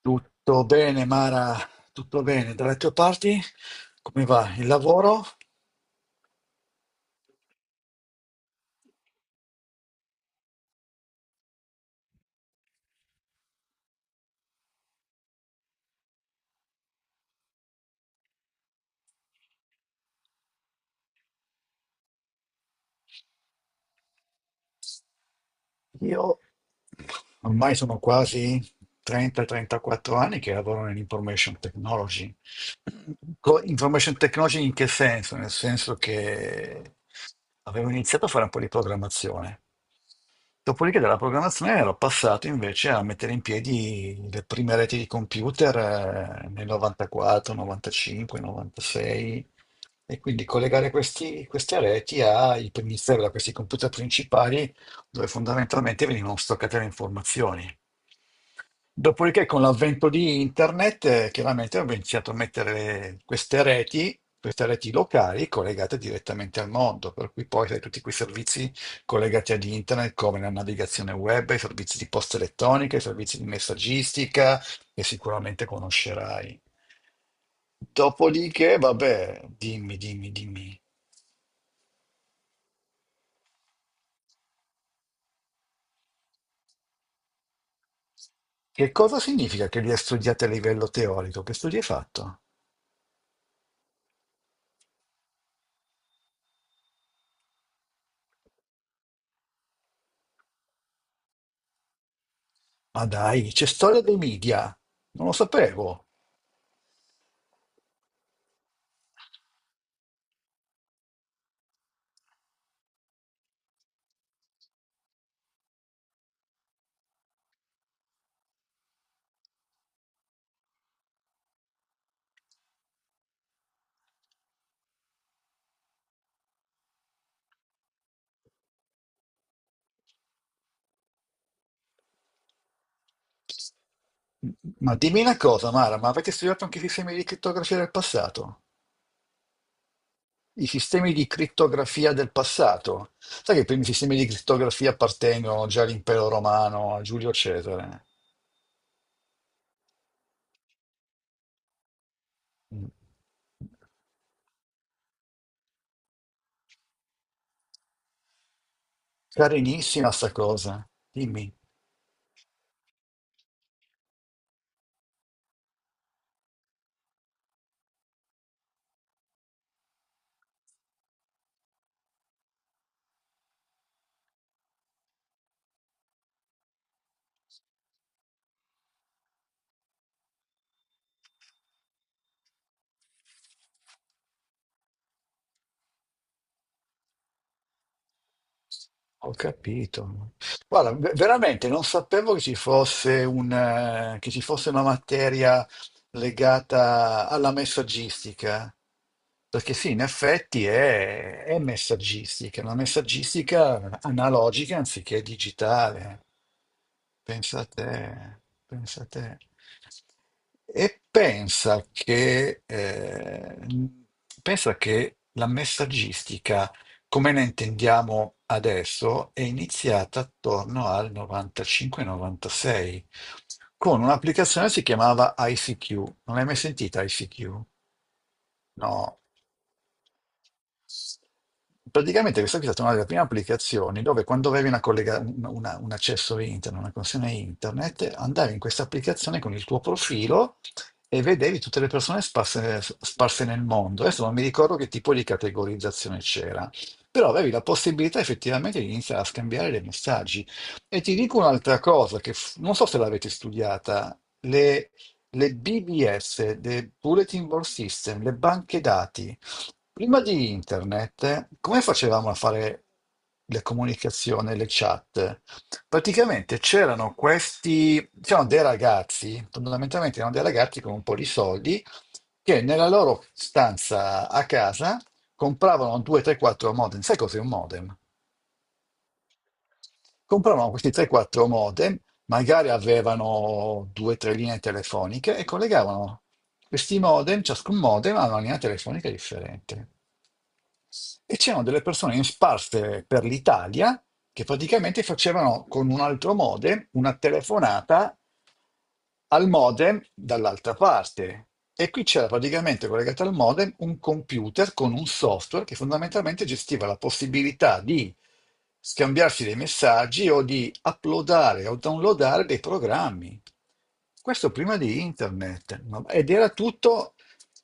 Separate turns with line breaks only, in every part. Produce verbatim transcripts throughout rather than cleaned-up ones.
Tutto bene, Mara, tutto bene. Dalle tue parti, come va? Il lavoro? Io ormai sono quasi trenta trentaquattro anni che lavoro nell'information technology. Co- Information technology in che senso? Nel senso che avevo iniziato a fare un po' di programmazione. Dopodiché dalla programmazione ero passato invece a mettere in piedi le prime reti di computer eh, nel novantaquattro, novantacinque, novantasei e quindi collegare questi- queste reti ai primi server, a questi computer principali dove fondamentalmente venivano stoccate le informazioni. Dopodiché con l'avvento di internet eh, chiaramente ho iniziato a mettere queste reti, queste reti locali collegate direttamente al mondo, per cui poi sai, tutti quei servizi collegati ad internet come la navigazione web, i servizi di posta elettronica, i servizi di messaggistica che sicuramente conoscerai. Dopodiché, vabbè, dimmi, dimmi, dimmi. Che cosa significa che li hai studiati a livello teorico? Che studi hai fatto? Ma dai, c'è storia dei media. Non lo sapevo. Ma dimmi una cosa, Mara, ma avete studiato anche i sistemi di crittografia del passato? I sistemi di crittografia del passato. Sai che i primi sistemi di crittografia appartengono già all'impero romano, a Giulio Cesare. Carinissima sta cosa. Dimmi. Ho capito. Guarda, ve- veramente non sapevo che ci fosse un, eh, che ci fosse una materia legata alla messaggistica, perché sì, in effetti è, è messaggistica, una messaggistica analogica anziché digitale. Pensa a te, pensa a te. E pensa che, eh, pensa che la messaggistica come la intendiamo adesso, è iniziata attorno al novantacinque novantasei con un'applicazione che si chiamava I C Q. Non l'hai mai sentita I C Q? No. Praticamente questa qui è stata una delle prime applicazioni dove quando avevi una collega- un una- un accesso internet, una connessione internet, andavi in questa applicazione con il tuo profilo e vedevi tutte le persone sparse, sparse nel mondo. Adesso non mi ricordo che tipo di categorizzazione c'era, però avevi la possibilità effettivamente di iniziare a scambiare dei messaggi. E ti dico un'altra cosa che f- non so se l'avete studiata, le, le B B S, le Bulletin Board System, le banche dati. Prima di internet, come facevamo a fare le comunicazioni, le chat? Praticamente c'erano questi, c'erano dei ragazzi, fondamentalmente erano dei ragazzi con un po' di soldi, che nella loro stanza a casa compravano due, tre, quattro modem. Sai cos'è un modem? Compravano questi tre quattro modem, magari avevano due tre linee telefoniche e collegavano questi modem, ciascun modem a una linea telefonica differente. E c'erano delle persone in sparse per l'Italia che praticamente facevano con un altro modem una telefonata al modem dall'altra parte. E qui c'era praticamente collegato al modem un computer con un software che fondamentalmente gestiva la possibilità di scambiarsi dei messaggi o di uploadare o downloadare dei programmi. Questo prima di internet. ma- Ed era tutto,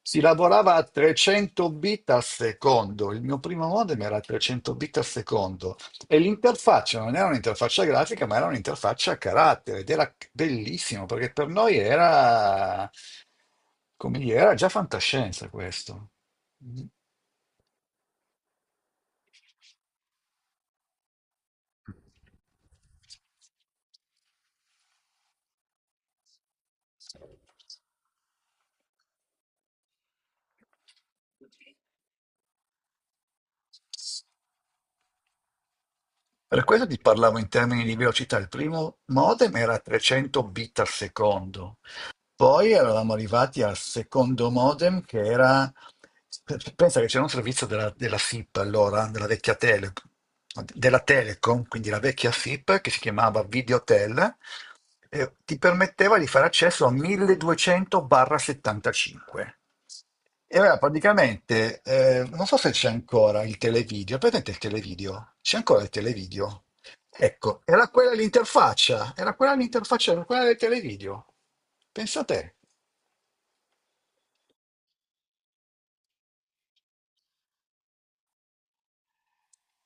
si lavorava a trecento bit al secondo. Il mio primo modem era a trecento bit al secondo. E l'interfaccia non era un'interfaccia grafica, ma era un'interfaccia a carattere ed era bellissimo perché per noi era, come dire, era già fantascienza questo. Mm. Per questo ti parlavo in termini di velocità. Il primo modem era trecento bit al secondo. Poi eravamo arrivati al secondo modem che era, pensa che c'era un servizio della, della SIP allora, della vecchia Tele, della Telecom, quindi la vecchia SIP che si chiamava Videotel e ti permetteva di fare accesso a milleduecento barra settantacinque. E allora praticamente, eh, non so se c'è ancora il televideo, è presente il televideo? C'è ancora il televideo? Ecco, era quella l'interfaccia, era quella l'interfaccia, era quella del televideo. Pensa a te.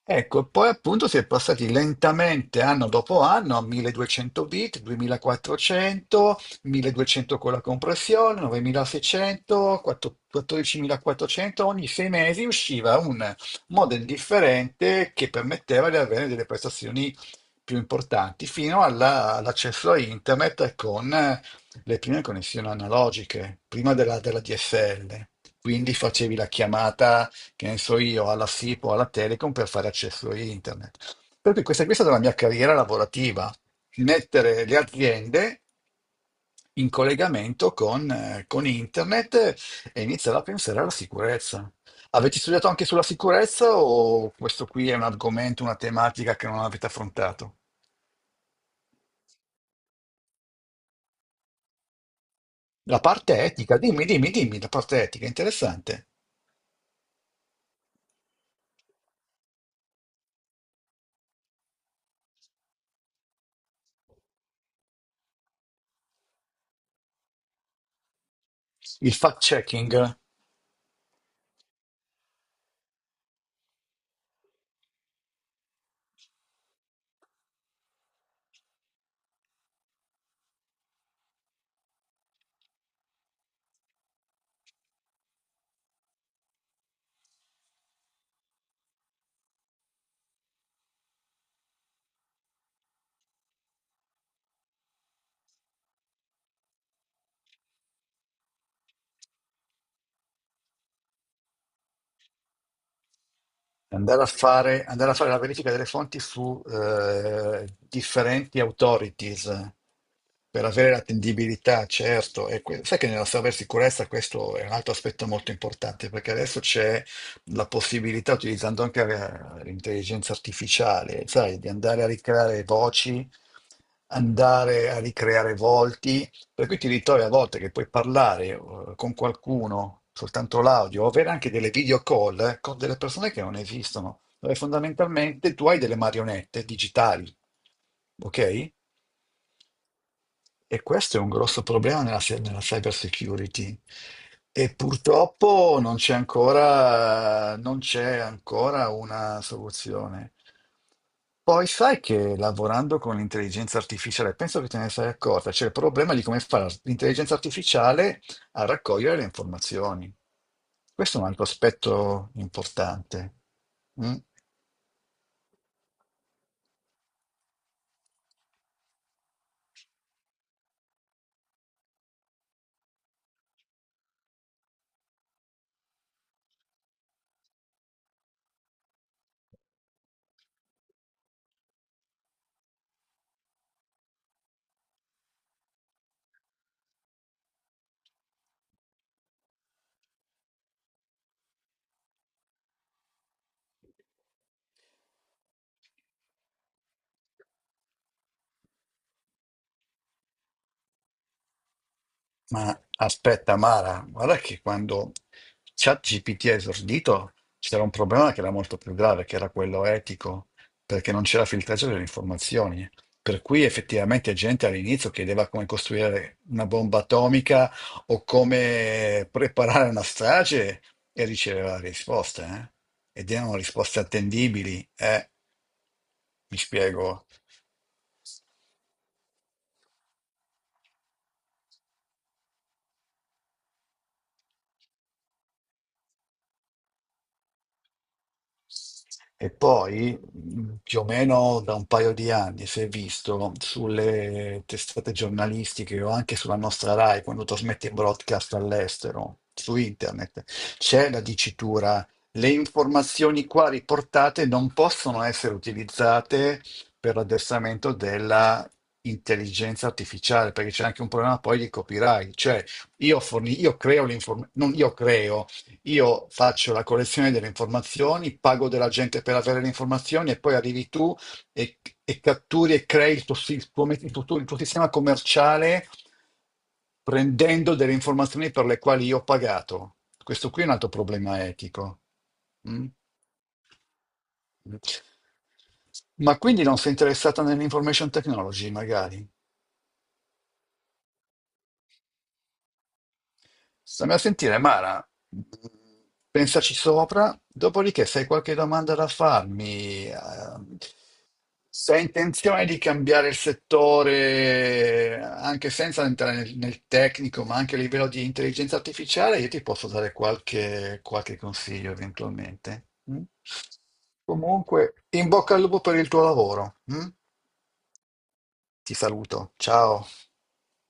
Ecco, e poi appunto si è passati lentamente anno dopo anno a milleduecento bit, duemilaquattrocento, milleduecento con la compressione, novemilaseicento, 4- 14400, ogni sei mesi usciva un model differente che permetteva di avere delle prestazioni più importanti, fino alla- all'accesso a internet con le prime connessioni analogiche, prima della della D S L. Quindi facevi la chiamata che ne so io, alla SIP o alla Telecom per fare accesso a internet. Per cui questa, questa è stata la mia carriera lavorativa, mettere le aziende in collegamento con, eh, con internet e iniziare a pensare alla sicurezza. Avete studiato anche sulla sicurezza o questo qui è un argomento, una tematica che non avete affrontato? La parte etica, dimmi, dimmi, dimmi, la parte etica, interessante. Il fact-checking. Andare a fare, andare a fare la verifica delle fonti su eh, differenti authorities eh, per avere l'attendibilità, certo. E que- sai che nella cybersicurezza questo è un altro aspetto molto importante, perché adesso c'è la possibilità, utilizzando anche eh, l'intelligenza artificiale, sai, di andare a ricreare voci, andare a ricreare volti, per cui ti ritrovi a volte che puoi parlare eh, con qualcuno soltanto l'audio, o avere anche delle video call eh, con delle persone che non esistono, dove fondamentalmente tu hai delle marionette digitali, ok? E questo è un grosso problema nella, se- nella cyber security. E purtroppo non c'è ancora, non c'è ancora una soluzione. Poi sai che lavorando con l'intelligenza artificiale, penso che te ne sei accorta, c'è il problema di come fa l'intelligenza artificiale a raccogliere le informazioni. Questo è un altro aspetto importante. Mm. Ma aspetta, Mara, guarda che quando ChatGPT ha esordito c'era un problema che era molto più grave, che era quello etico, perché non c'era filtraggio delle informazioni. Per cui effettivamente gente all'inizio chiedeva come costruire una bomba atomica o come preparare una strage e riceveva risposte, eh? Ed erano risposte attendibili, eh? Mi spiego. E poi, mh, più o meno da un paio di anni, si è visto sulle testate giornalistiche o anche sulla nostra Rai, quando trasmette in broadcast all'estero, su internet, c'è la dicitura, le informazioni qua riportate non possono essere utilizzate per l'addestramento della intelligenza artificiale, perché c'è anche un problema poi di copyright, cioè io, forni- io creo l'informazione, non io creo, io faccio la collezione delle informazioni, pago della gente per avere le informazioni e poi arrivi tu e, e catturi e crei il tuo, si- il tuo met- il tuo- il tuo sistema commerciale prendendo delle informazioni per le quali io ho pagato. Questo qui è un altro problema etico. Mm? Ma quindi non sei interessata nell'information technology, magari? Stammi a sentire, Mara, pensaci sopra, dopodiché se hai qualche domanda da farmi, ehm, se hai intenzione di cambiare il settore, anche senza entrare nel, nel tecnico, ma anche a livello di intelligenza artificiale, io ti posso dare qualche, qualche consiglio eventualmente. Mm? Comunque, in bocca al lupo per il tuo lavoro. Mm? Ti saluto, ciao.